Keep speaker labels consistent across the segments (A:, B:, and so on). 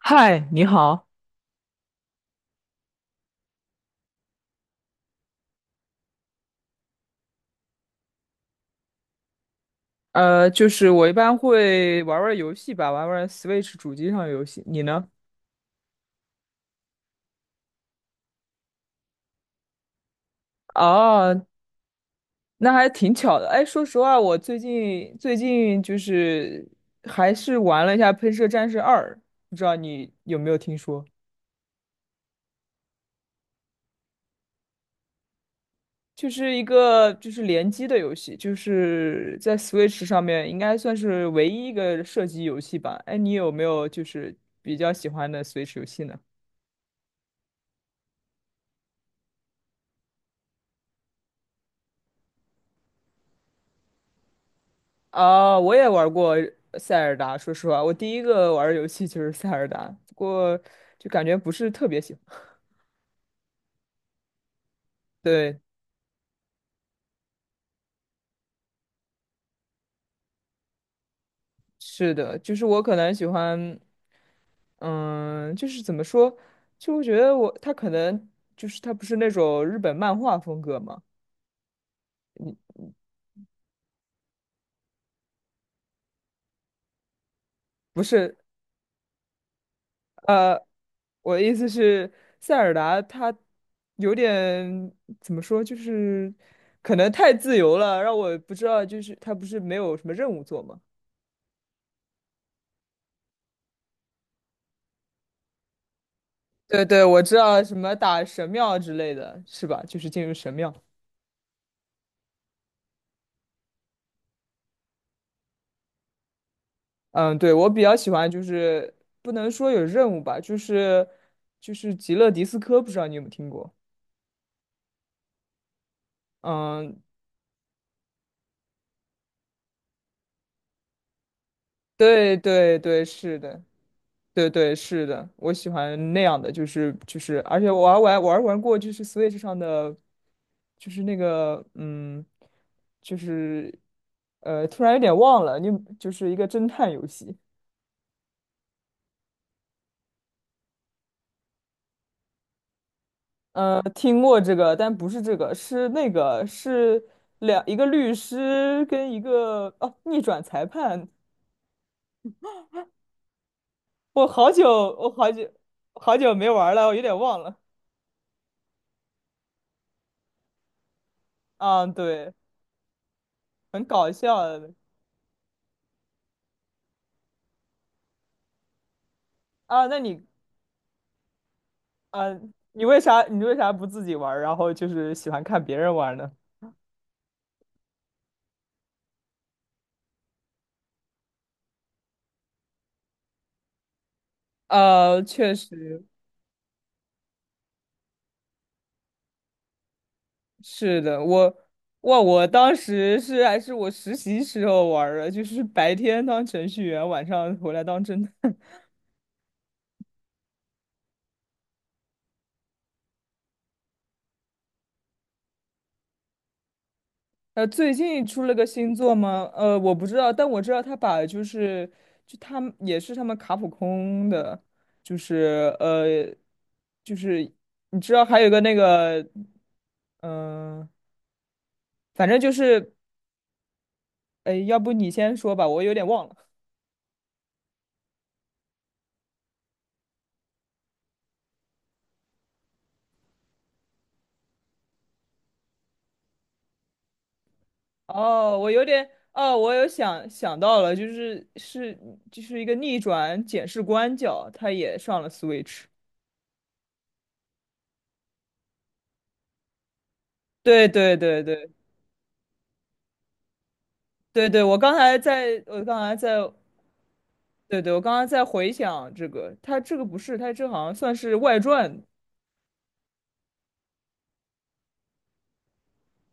A: 嗨，你好。就是我一般会玩玩游戏吧，玩玩 Switch 主机上的游戏。你呢？哦，那还挺巧的。哎，说实话，我最近就是还是玩了一下《喷射战士二》，不知道你有没有听说？就是一个就是联机的游戏，就是在 Switch 上面应该算是唯一一个射击游戏吧。哎，你有没有就是比较喜欢的 Switch 游戏呢？啊，我也玩过塞尔达。说实话，我第一个玩的游戏就是塞尔达，不过就感觉不是特别喜欢。对，是的，就是我可能喜欢，嗯，就是怎么说，就我觉得他可能就是他不是那种日本漫画风格嘛，不是，呃，我的意思是塞尔达他有点怎么说，就是可能太自由了，让我不知道，就是他不是没有什么任务做吗？对对，我知道什么打神庙之类的，是吧？就是进入神庙。嗯，对，我比较喜欢，就是不能说有任务吧，就是极乐迪斯科，不知道你有没有听过？嗯，对对对，是的，对对是的，我喜欢那样的，就是就是，而且我还玩过，就是 Switch 上的，就是那个嗯，就是突然有点忘了，你就是一个侦探游戏。听过这个，但不是这个，是那个，是两一个律师跟一个哦、逆转裁判。我好久，我好久，好久没玩了，我有点忘了。啊，对，很搞笑的啊。那你，啊，你为啥不自己玩儿然后就是喜欢看别人玩呢？呃，确实是的，我哇，我当时是还是我实习时候玩儿的，就是白天当程序员，晚上回来当侦探。呃，最近出了个新作吗？我不知道，但我知道他把就是就他们也是他们卡普空的，就是就是你知道还有个那个，嗯、反正就是，哎，要不你先说吧，我有点忘了。哦，我有点，哦，我有想到了，就是是就是一个逆转检视官角，他也上了 Switch。对对对对对对，我刚才在。对对，我刚刚在回想这个，它这个不是，它这好像算是外传。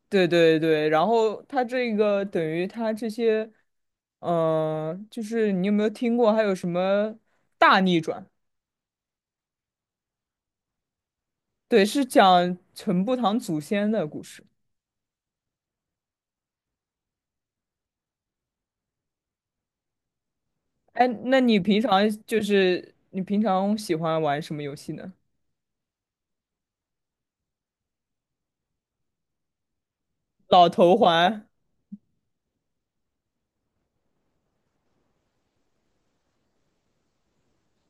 A: 对对对，然后它这个等于它这些，嗯、就是你有没有听过还有什么大逆转？对，是讲陈步堂祖先的故事。哎，那你平常就是你平常喜欢玩什么游戏呢？老头环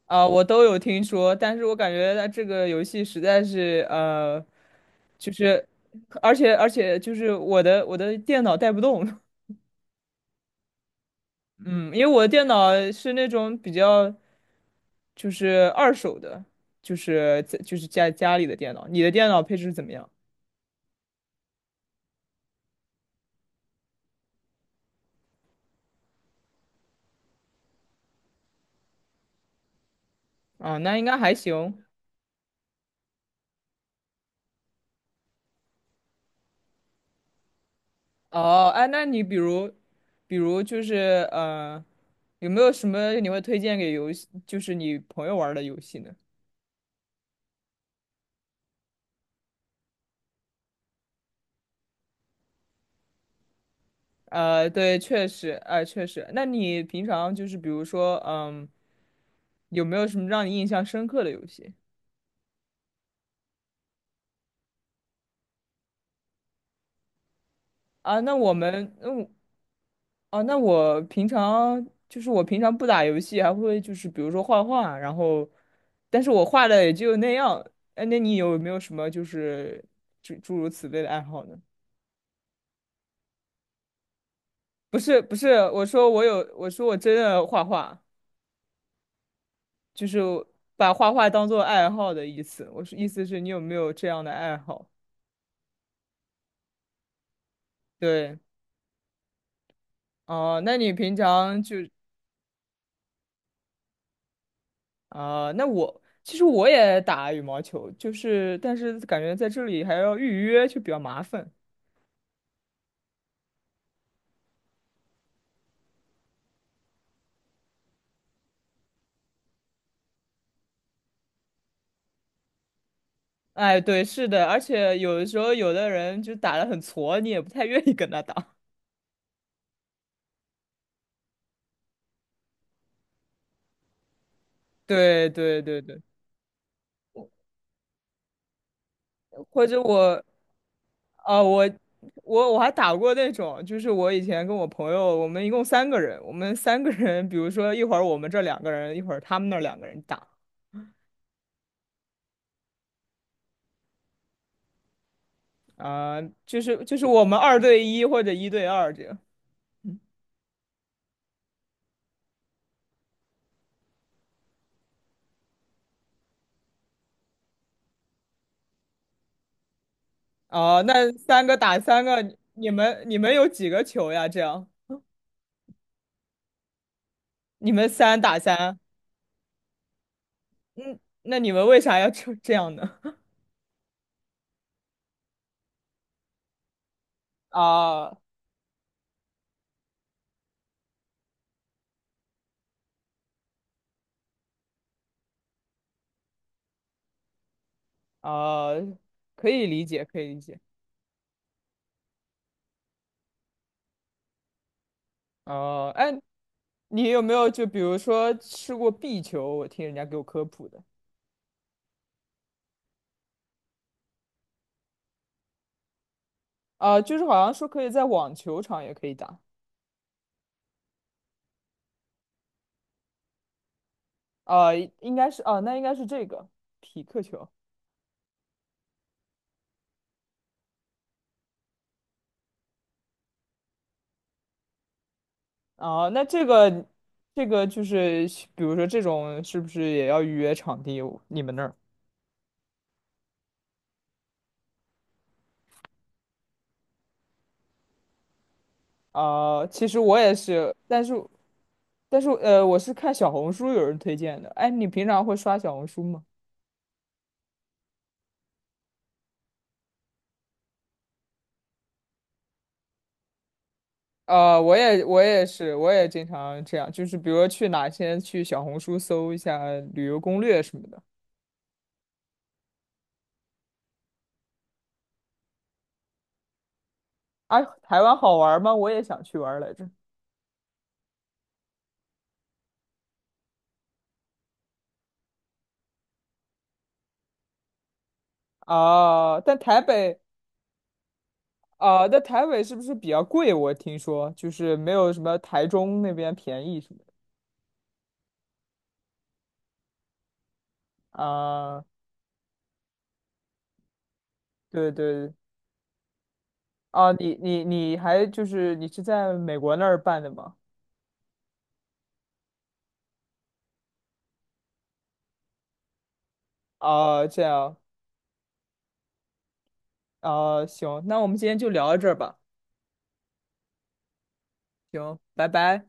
A: 啊、我都有听说，但是我感觉它这个游戏实在是就是，而且就是我的电脑带不动，嗯，因为我的电脑是那种比较就是二手的，就是在就是家里的电脑。你的电脑配置怎么样？啊，那应该还行。哦，哎，那你比如就是有没有什么你会推荐给游戏，就是你朋友玩儿的游戏呢？呃，对，确实，哎、确实。那你平常就是比如说，嗯，有没有什么让你印象深刻的游戏？啊，那我们，嗯，哦，那我平常就是我平常不打游戏，还会就是比如说画画，然后，但是我画的也就那样。哎，那你有没有什么就是诸如此类的爱好呢？不是不是，我说我有，我说我真的画画，就是把画画当做爱好的意思。我是意思是你有没有这样的爱好？对，哦，那你平常就啊、那我其实我也打羽毛球，就是但是感觉在这里还要预约，就比较麻烦。哎，对，是的，而且有的时候有的人就打得很挫，你也不太愿意跟他打。对对对对，或者我，啊，我还打过那种，就是我以前跟我朋友，我们一共三个人，我们三个人，比如说一会儿我们这两个人，一会儿他们那两个人打，啊、就是我们二对一或者一对二这样。哦，啊那三个打三个，你们有几个球呀？这样，你们三打三，嗯，那你们为啥要这样呢？啊啊，可以理解，可以理解。哦，哎，你有没有就比如说吃过壁球？我听人家给我科普的，啊，就是好像说可以在网球场也可以打，啊，应该是啊，那应该是这个匹克球。啊，那这个就是比如说这种是不是也要预约场地？你们那儿？啊，其实我也是，但是但是我是看小红书有人推荐的。哎，你平常会刷小红书吗？呃，我也是，我也经常这样，就是比如说去哪先去小红书搜一下旅游攻略什么的。啊，台湾好玩吗？我也想去玩来着。啊，但台北啊，但台北是不是比较贵？我听说就是没有什么台中那边便宜什么的。啊，对对对啊，你还就是你是在美国那儿办的吗？啊，这样啊，行，那我们今天就聊到这儿吧。行，拜拜。